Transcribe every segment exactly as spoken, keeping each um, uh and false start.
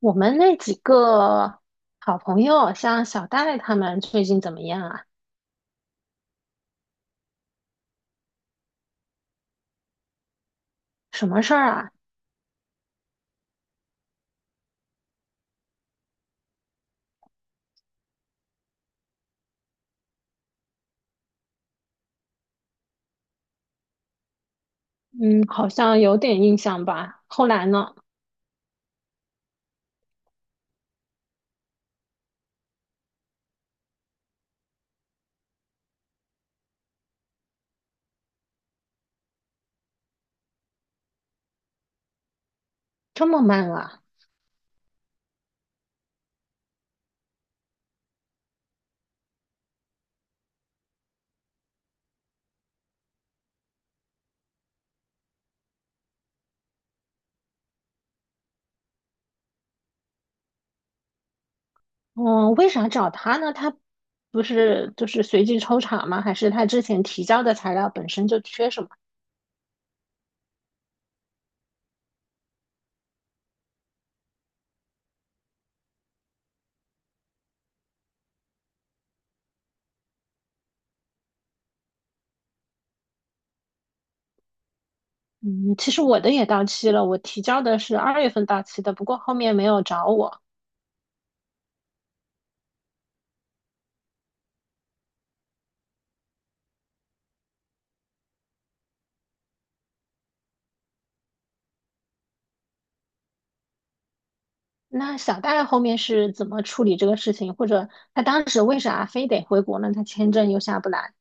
我们那几个好朋友，像小戴他们最近怎么样啊？什么事儿啊？嗯，好像有点印象吧。后来呢？这么慢啊？嗯，为啥找他呢？他不是就是随机抽查吗？还是他之前提交的材料本身就缺什么？嗯，其实我的也到期了，我提交的是二月份到期的，不过后面没有找我。那小戴后面是怎么处理这个事情，或者他当时为啥非得回国呢？他签证又下不来。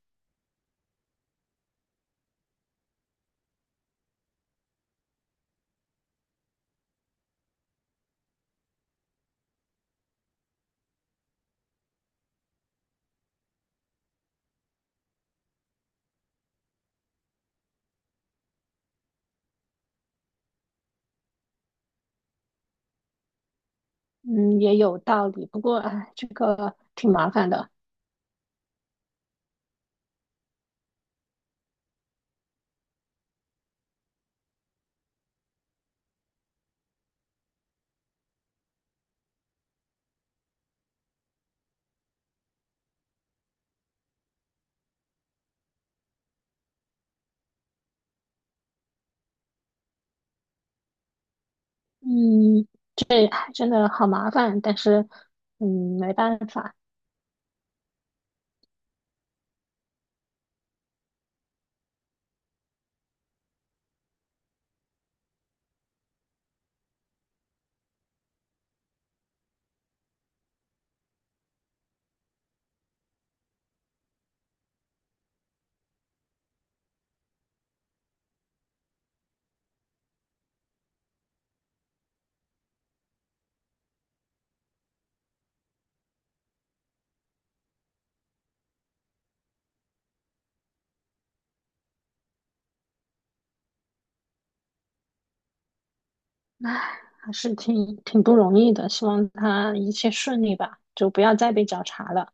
嗯，也有道理，不过哎，这个挺麻烦的。嗯，哎真的好麻烦，但是嗯，没办法。哎，还是挺挺不容易的，希望他一切顺利吧，就不要再被找茬了。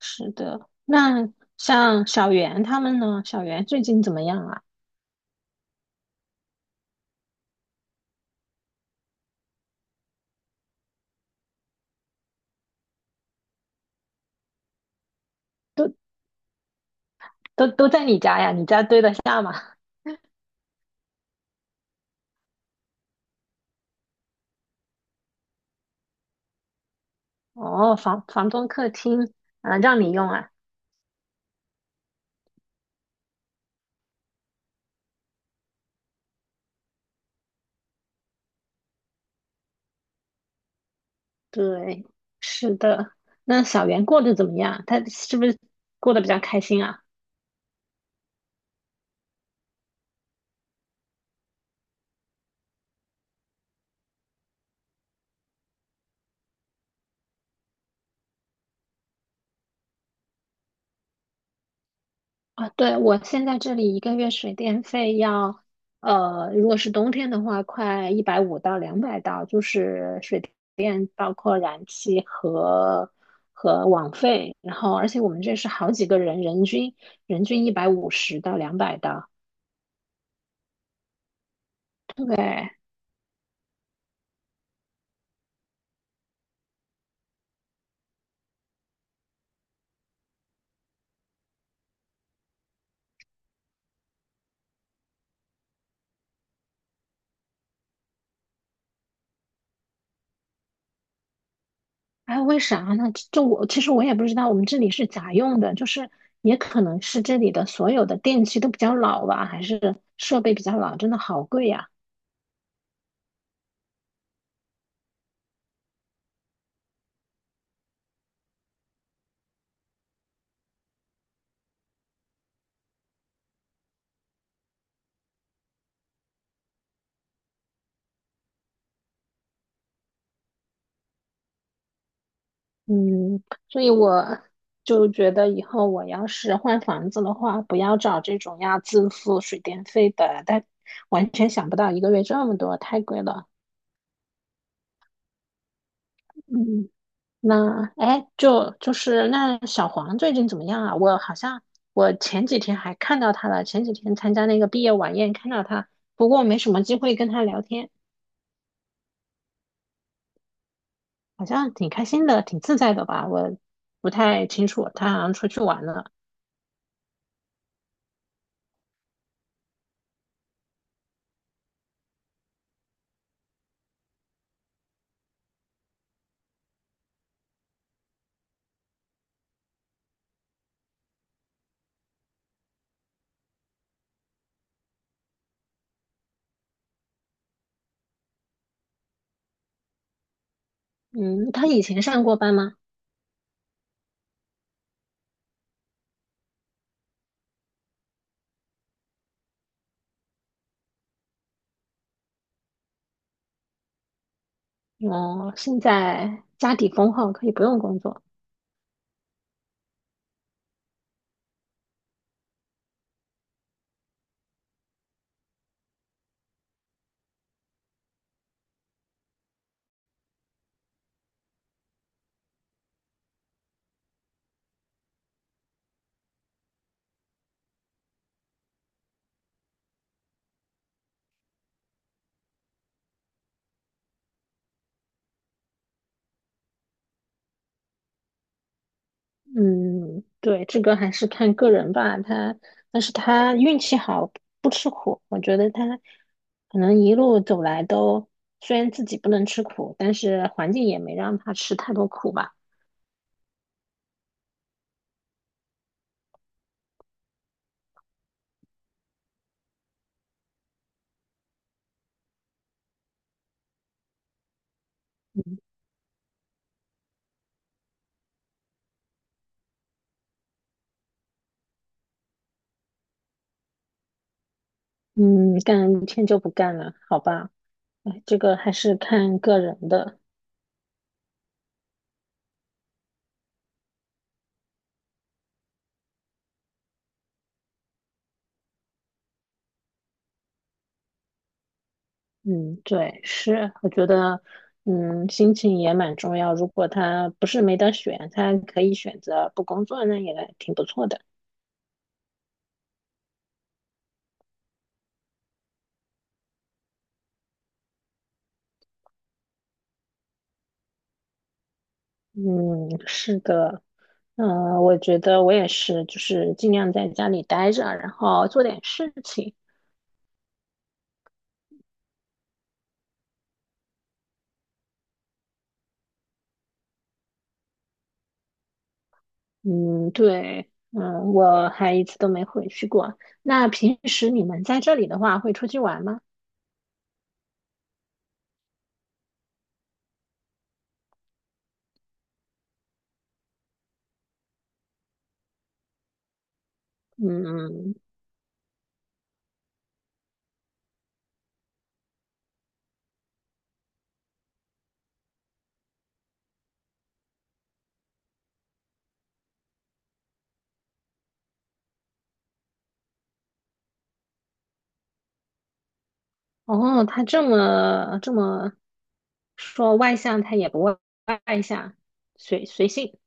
是的，那像小袁他们呢？小袁最近怎么样啊？都都都在你家呀？你家堆得下吗？哦，房房东客厅啊，让你用啊。对，是的。那小袁过得怎么样？他是不是过得比较开心啊？啊，对，我现在这里一个月水电费要，呃，如果是冬天的话，快一百五到两百刀，就是水电包括燃气和和网费，然后而且我们这是好几个人，人均人均一百五十到两百刀。对，哎，为啥呢？就我其实我也不知道，我们这里是咋用的，就是也可能是这里的所有的电器都比较老吧，还是设备比较老，真的好贵呀。嗯，所以我就觉得以后我要是换房子的话，不要找这种要自付水电费的，但完全想不到一个月这么多，太贵了。嗯，那哎，就就是那小黄最近怎么样啊？我好像我前几天还看到他了，前几天参加那个毕业晚宴看到他，不过没什么机会跟他聊天。好像挺开心的，挺自在的吧？我不太清楚，他好像出去玩了。嗯，他以前上过班吗？哦，现在家底丰厚，可以不用工作。嗯，对，这个还是看个人吧。他，但是他运气好，不吃苦。我觉得他可能一路走来都，虽然自己不能吃苦，但是环境也没让他吃太多苦吧。嗯，干一天就不干了，好吧？哎，这个还是看个人的。嗯，对，是，我觉得，嗯，心情也蛮重要。如果他不是没得选，他可以选择不工作，那也挺不错的。嗯，是的。嗯，我觉得我也是，就是尽量在家里待着，然后做点事情。嗯，对，嗯，我还一次都没回去过。那平时你们在这里的话，会出去玩吗？嗯，哦，他这么这么说外向，他也不外外向，随随性。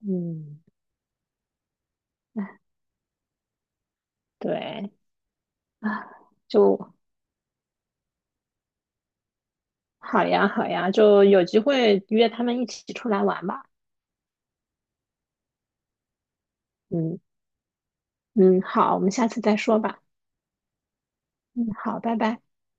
嗯，哎，对，啊，就好呀，好呀，就有机会约他们一起出来玩吧。嗯嗯，好，我们下次再说吧。嗯，好，拜拜。